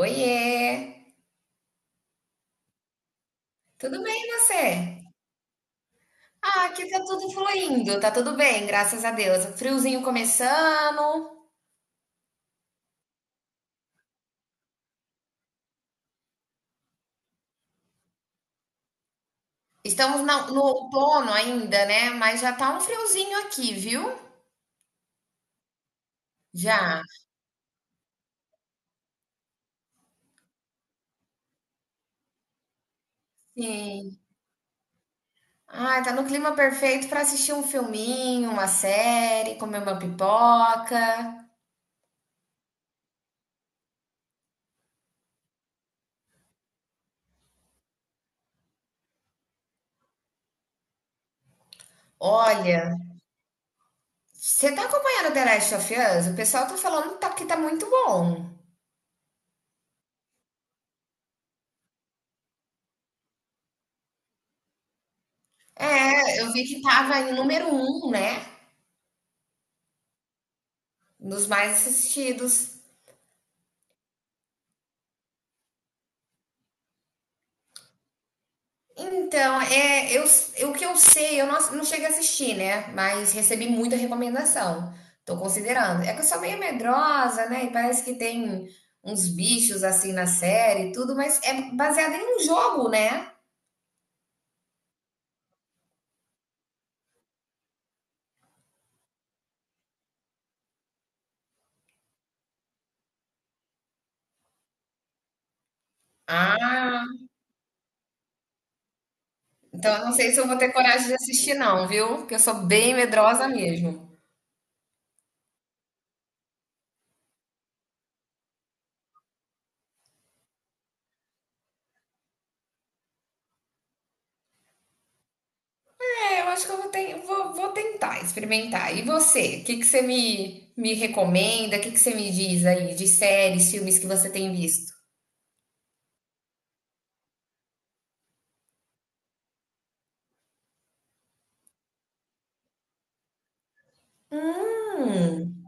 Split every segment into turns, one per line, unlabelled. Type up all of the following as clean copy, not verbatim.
Oiê! Tudo bem e você? Ah, aqui tá tudo fluindo, tá tudo bem, graças a Deus. O friozinho começando. No outono ainda, né? Mas já tá um friozinho aqui, viu? Já. Sim. Ah, tá no clima perfeito para assistir um filminho, uma série, comer uma pipoca. Olha, você tá acompanhando The Last of Us? O pessoal tá que tá muito bom. É, eu vi que tava em número um, né? Nos mais assistidos. Então, o que eu sei, eu não cheguei a assistir, né? Mas recebi muita recomendação. Tô considerando. É que eu sou meio medrosa, né? E parece que tem uns bichos assim na série e tudo, mas é baseado em um jogo, né? Ah, então eu não sei se eu vou ter coragem de assistir, não, viu? Porque eu sou bem medrosa mesmo. É, eu acho que eu vou tentar experimentar. E você? O que que você me recomenda? O que que você me diz aí de séries, filmes que você tem visto? Hum,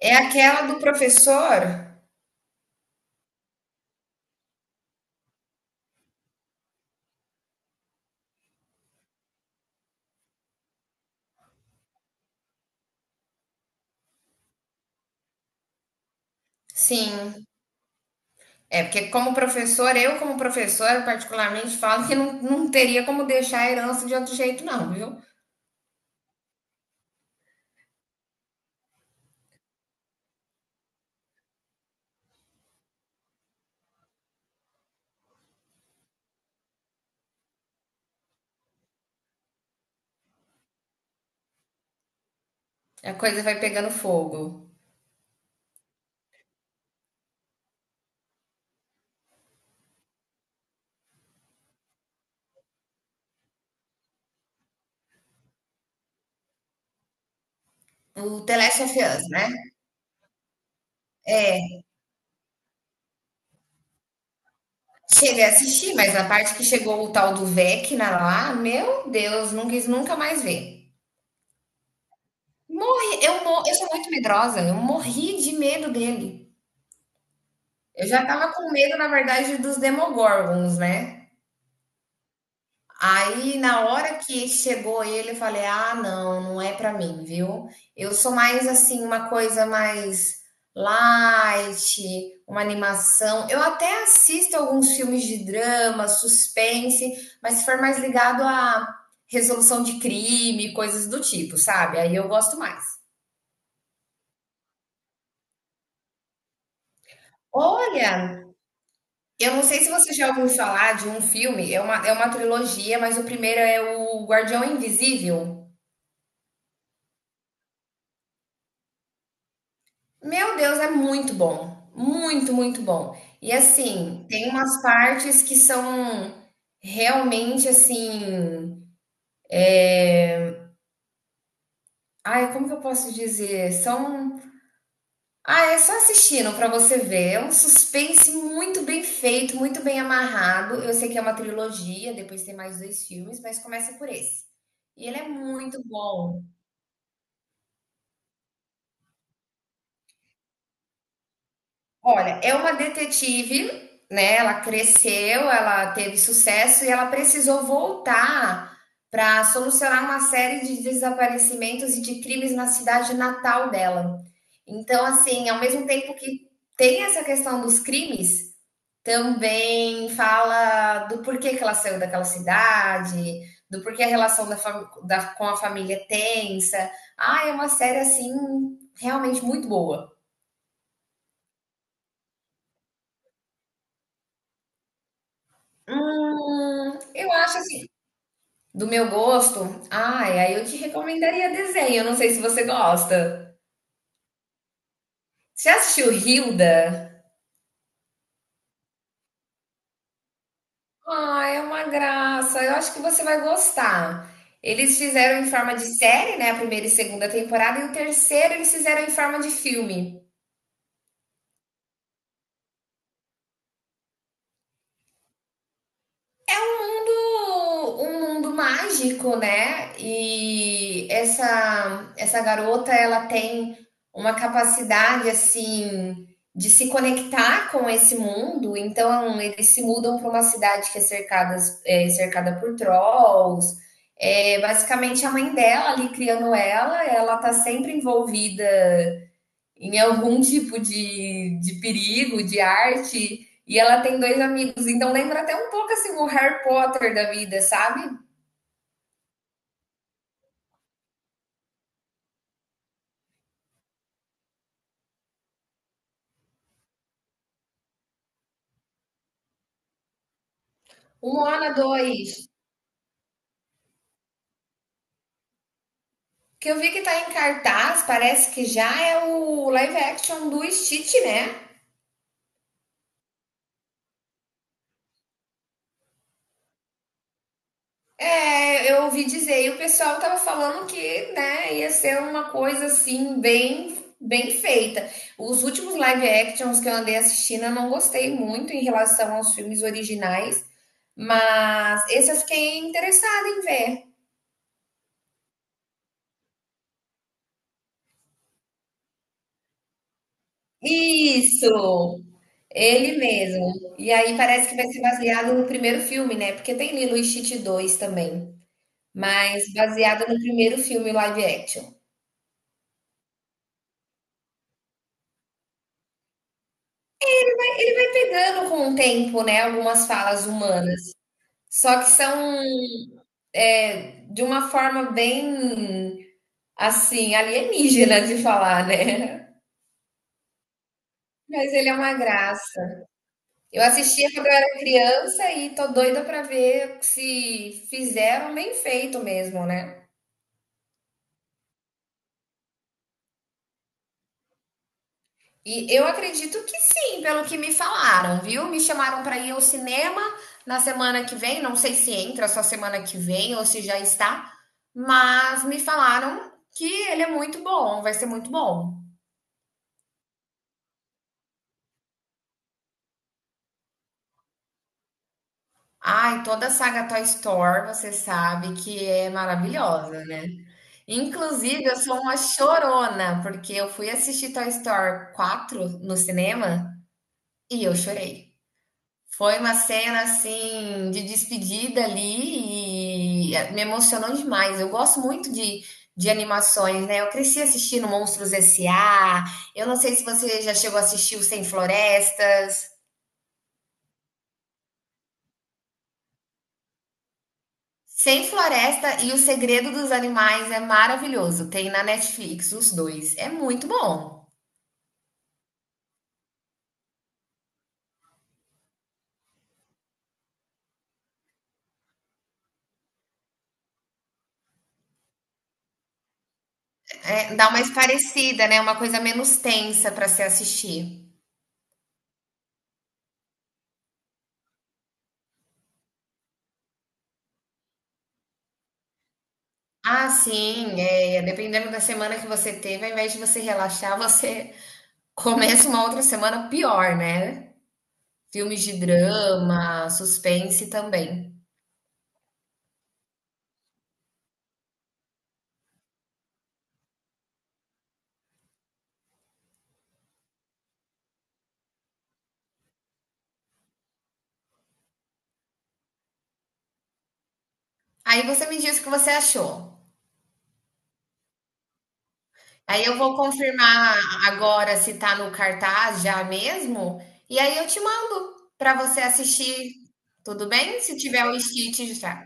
é aquela do professor? Sim. É, porque como professor, eu como professora particularmente falo que não teria como deixar a herança de outro jeito, não, viu. A coisa vai pegando fogo. O The Last of Us, né. Cheguei a assistir, mas na parte que chegou o tal do Vecna lá, meu Deus, não quis nunca mais ver. Morri eu mo Eu sou muito medrosa, eu morri de medo dele. Eu já estava com medo, na verdade, dos Demogorgons, né. Aí, na hora que chegou ele, eu falei: "Ah, não, não é pra mim, viu". Eu sou mais, assim, uma coisa mais light, uma animação. Eu até assisto alguns filmes de drama, suspense, mas se for mais ligado a resolução de crime, coisas do tipo, sabe, aí eu gosto mais. Olha, eu não sei se você já ouviu falar de um filme, é uma trilogia, mas o primeiro é o Guardião Invisível. Meu Deus, é muito bom. Muito, muito bom. E assim, tem umas partes que são realmente assim, ai, como que eu posso dizer? São, ah, é só assistindo pra você ver. É um suspense muito bem feito, muito bem amarrado. Eu sei que é uma trilogia, depois tem mais 2 filmes, mas começa por esse. E ele é muito bom. Olha, é uma detetive, né, ela cresceu, ela teve sucesso e ela precisou voltar para solucionar uma série de desaparecimentos e de crimes na cidade natal dela. Então, assim, ao mesmo tempo que tem essa questão dos crimes, também fala do porquê que ela saiu daquela cidade, do porquê a relação da fam- da- com a família é tensa. Ah, é uma série, assim, realmente muito boa. Eu acho assim. Do meu gosto? Ai, aí eu te recomendaria desenho. Eu não sei se você gosta. Você já assistiu Hilda? Ah, é uma graça. Eu acho que você vai gostar. Eles fizeram em forma de série, né? A primeira e segunda temporada, e o terceiro eles fizeram em forma de filme. Um mundo mágico, né? E essa garota, ela tem uma capacidade, assim, de se conectar com esse mundo. Então, eles se mudam para uma cidade que é, cercada por trolls. É, basicamente, a mãe dela ali criando ela, ela tá sempre envolvida em algum tipo de perigo, de arte, e ela tem dois amigos. Então lembra até um pouco assim o Harry Potter da vida, sabe? O Moana 2. Que eu vi que tá em cartaz, parece que já é o live action do Stitch, né? É, eu ouvi dizer, e o pessoal tava falando que, né, ia ser uma coisa assim bem bem feita. Os últimos live actions que eu andei assistindo, eu não gostei muito em relação aos filmes originais. Mas esse eu fiquei interessada em ver. Isso! Ele mesmo. E aí parece que vai ser baseado no primeiro filme, né? Porque tem Lilo e Stitch 2 também. Mas baseado no primeiro filme live action. Ele vai pegando com o tempo, né? Algumas falas humanas. Só que são é, de uma forma bem, assim, alienígena de falar, né? Mas ele é uma graça. Eu assistia quando eu era criança e tô doida pra ver se fizeram bem feito mesmo, né? E eu acredito que sim, pelo que me falaram, viu? Me chamaram pra ir ao cinema na semana que vem, não sei se entra só semana que vem ou se já está, mas me falaram que ele é muito bom, vai ser muito bom. Ai, toda a saga Toy Story, você sabe que é maravilhosa, né? Inclusive, eu sou uma chorona, porque eu fui assistir Toy Story 4 no cinema e eu chorei. Foi uma cena assim de despedida ali e eh, me emocionou demais. Eu gosto muito de animações, né? Eu cresci assistindo Monstros S.A. Eu não sei se você já chegou a assistir o Sem Florestas. Sem Floresta e O Segredo dos Animais é maravilhoso. Tem na Netflix os dois. É muito bom. É, dá uma esparecida, né, uma coisa menos tensa para se assistir. Ah, sim, é, é, dependendo da semana que você teve, ao invés de você relaxar, você começa uma outra semana pior, né? Filmes de drama, suspense também. Aí você me diz o que você achou. Aí eu vou confirmar agora se tá no cartaz já mesmo, e aí eu te mando para você assistir, tudo bem? Se tiver o Stitch já.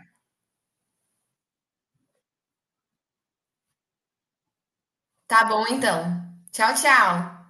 Tá bom então. Tchau, tchau.